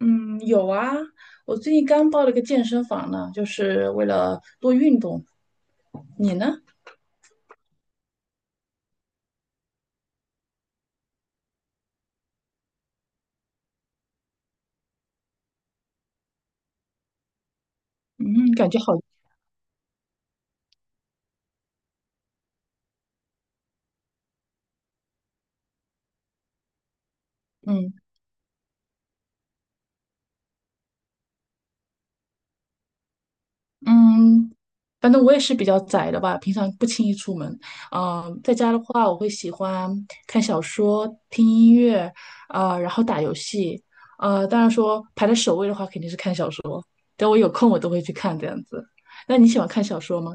嗯，有啊，我最近刚报了个健身房呢，就是为了多运动。你呢？嗯，感觉好。嗯嗯，反正我也是比较宅的吧，平常不轻易出门。嗯、在家的话，我会喜欢看小说、听音乐，啊，然后打游戏。当然说排在首位的话，肯定是看小说。等我有空，我都会去看这样子。那你喜欢看小说吗？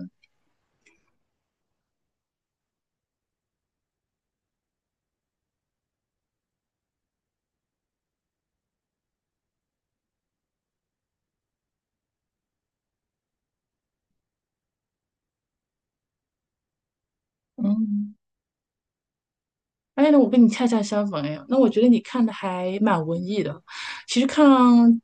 嗯。哎，那我跟你恰恰相反哎，那我觉得你看的还蛮文艺的。其实看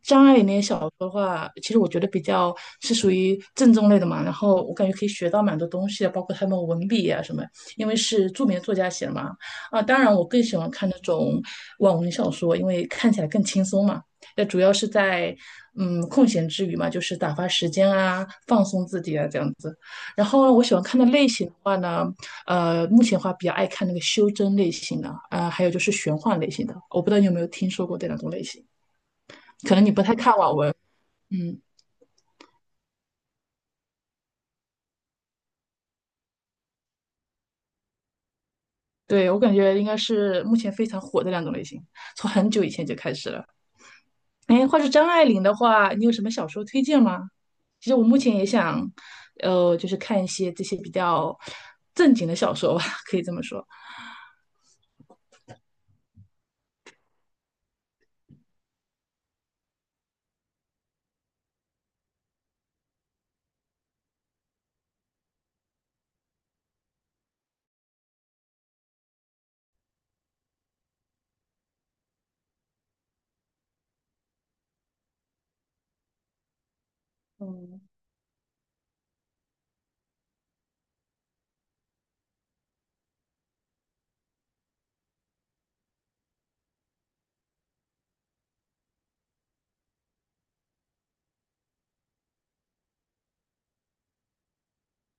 张爱玲那些小说的话，其实我觉得比较是属于正宗类的嘛。然后我感觉可以学到蛮多东西的，包括他们文笔啊什么，因为是著名的作家写的嘛。啊，当然我更喜欢看那种网文小说，因为看起来更轻松嘛。那主要是在空闲之余嘛，就是打发时间啊，放松自己啊这样子。然后呢，我喜欢看的类型的话呢。目前的话比较爱看那个修真类型的，还有就是玄幻类型的。我不知道你有没有听说过这两种类型，可能你不太看网文。嗯，对，我感觉应该是目前非常火的两种类型，从很久以前就开始了。哎，话说张爱玲的话，你有什么小说推荐吗？其实我目前也想，就是看一些这些比较正经的小说吧，可以这么说。嗯。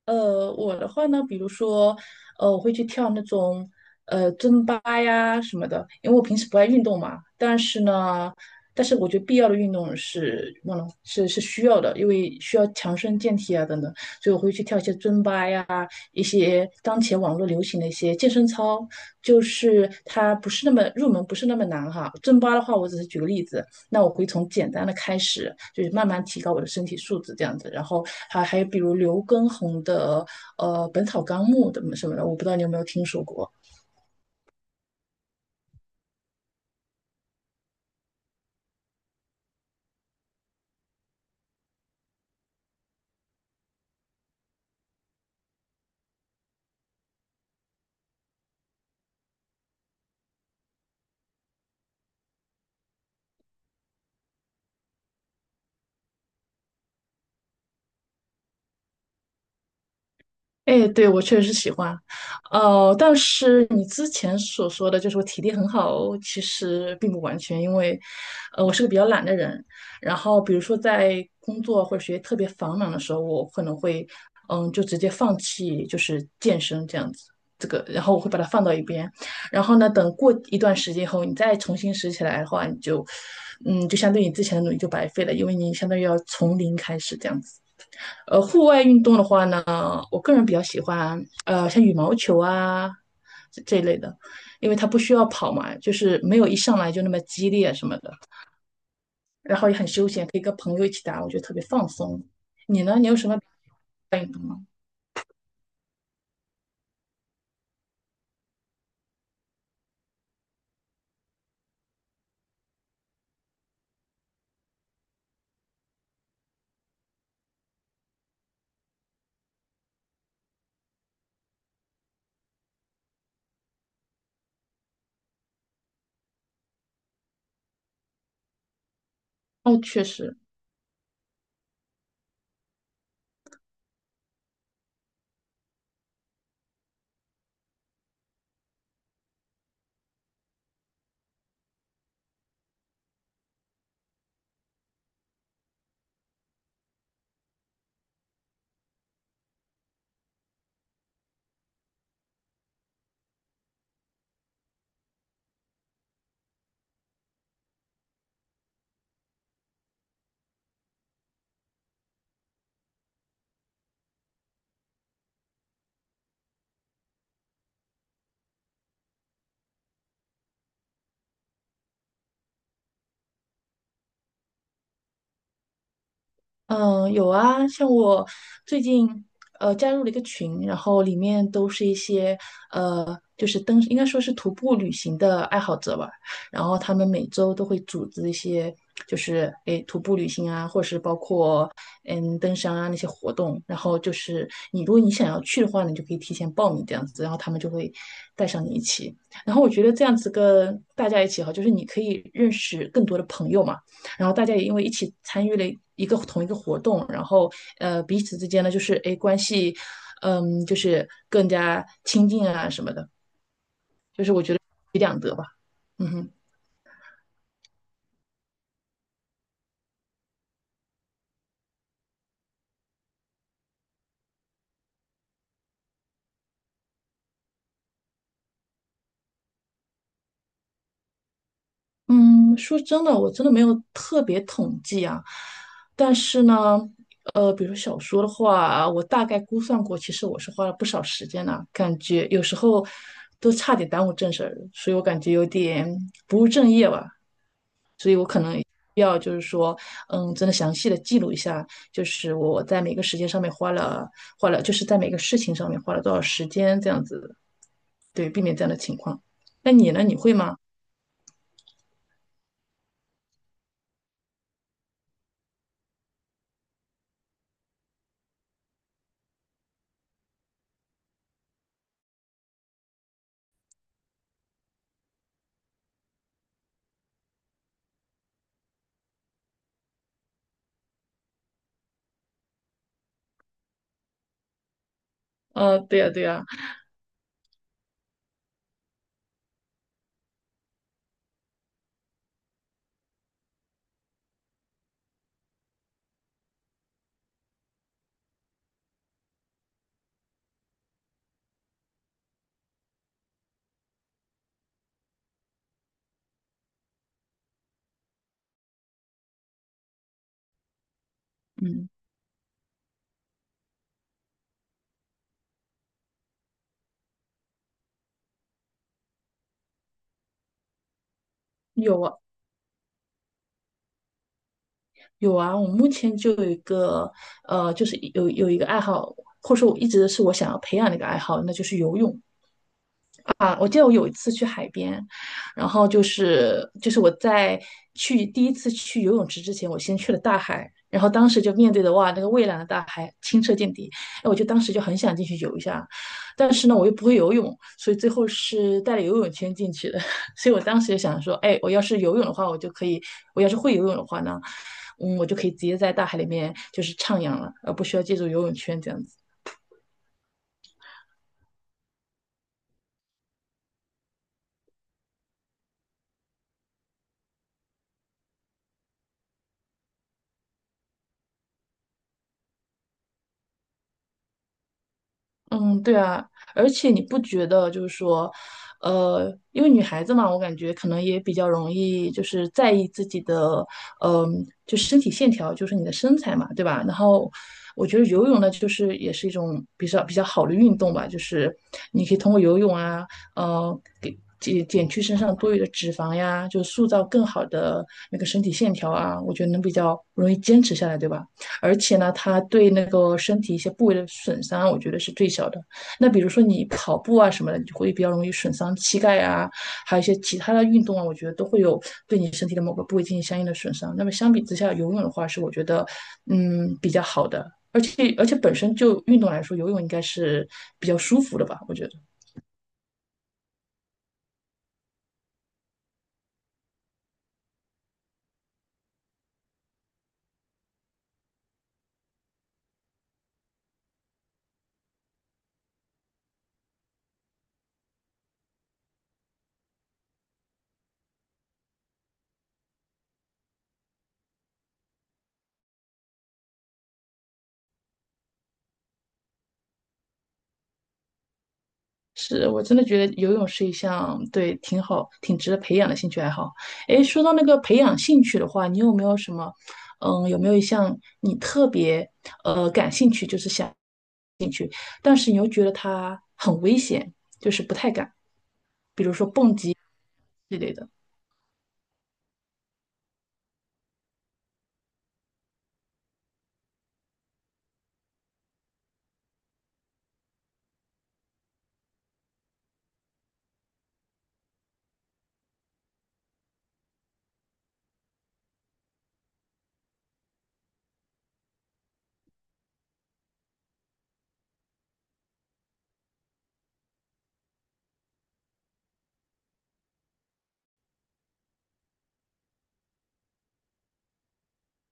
我的话呢，比如说，我会去跳那种尊巴呀什么的，因为我平时不爱运动嘛。但是我觉得必要的运动是忘了是需要的，因为需要强身健体啊等等，所以我会去跳一些尊巴呀，一些当前网络流行的一些健身操，就是它不是那么入门，不是那么难哈。尊巴的话，我只是举个例子，那我会从简单的开始，就是慢慢提高我的身体素质这样子。然后还有比如刘畊宏的《本草纲目》的什么的，我不知道你有没有听说过。哎，对，我确实是喜欢，但是你之前所说的就是我体力很好，其实并不完全，因为，我是个比较懒的人，然后比如说在工作或者学习特别繁忙的时候，我可能会，嗯，就直接放弃就是健身这样子，这个，然后我会把它放到一边，然后呢，等过一段时间后，你再重新拾起来的话，你就，嗯，就相对你之前的努力就白费了，因为你相当于要从零开始这样子。户外运动的话呢，我个人比较喜欢像羽毛球啊这一类的，因为它不需要跑嘛，就是没有一上来就那么激烈什么的，然后也很休闲，可以跟朋友一起打，我觉得特别放松。你呢？你有什么运动吗？哦，确实。嗯，有啊，像我最近加入了一个群，然后里面都是一些呃就是登，应该说是徒步旅行的爱好者吧。然后他们每周都会组织一些就是诶徒步旅行啊，或者是包括登山啊那些活动。然后就是你如果你想要去的话，你就可以提前报名这样子，然后他们就会带上你一起。然后我觉得这样子跟大家一起哈，就是你可以认识更多的朋友嘛。然后大家也因为一起参与了同一个活动，然后彼此之间呢就是哎关系，嗯就是更加亲近啊什么的，一举两得吧，嗯哼。嗯，说真的，我真的没有特别统计啊，但是呢。比如说小说的话，我大概估算过，其实我是花了不少时间呢、感觉有时候都差点耽误正事儿，所以我感觉有点不务正业吧。必要就是说，嗯，真的详细的记录一下，就是我在每个时间上面花了花了，就是在每个事情上面花了多少时间这样子，对，避免这样的情况。那你呢？你会吗？对呀，对呀。嗯，有啊，有啊。我目前就有一个，就是有一个爱好，或者说我一直是我想要培养的一个爱好，那就是游泳。啊，我记得我有一次去海边，然后就是我在去第一次去游泳池之前，我先去了大海，然后当时就面对的哇，那个蔚蓝的大海，清澈见底，哎，我就当时就很想进去游一下，但是呢，我又不会游泳，所以最后是带了游泳圈进去的，所以我当时就想说，哎，我要是游泳的话，我就可以，我要是会游泳的话呢，嗯，我就可以直接在大海里面就是徜徉了，而不需要借助游泳圈这样子。嗯，对啊，而且你不觉得就是说，因为女孩子嘛，我感觉可能也比较容易就是在意自己的，嗯、就身体线条，就是你的身材嘛，对吧？然后我觉得游泳呢，就是也是一种比较好的运动吧，就是你可以通过游泳啊，给减去身上多余的脂肪呀，就塑造更好的那个身体线条啊，我觉得能比较容易坚持下来，对吧？而且呢，它对那个身体一些部位的损伤，我觉得是最小的。那比如说你跑步啊什么的，你就会比较容易损伤膝盖啊，还有一些其他的运动啊，我觉得都会有对你身体的某个部位进行相应的损伤。那么相比之下，游泳的话是我觉得比较好的，而且本身就运动来说，游泳应该是比较舒服的吧，我觉得。是我真的觉得游泳是一项对挺好、挺值得培养的兴趣爱好。诶，说到那个培养兴趣的话，你有没有什么，嗯，有没有一项你特别感兴趣，就是想，但是你又觉得它很危险，就是不太敢之类的？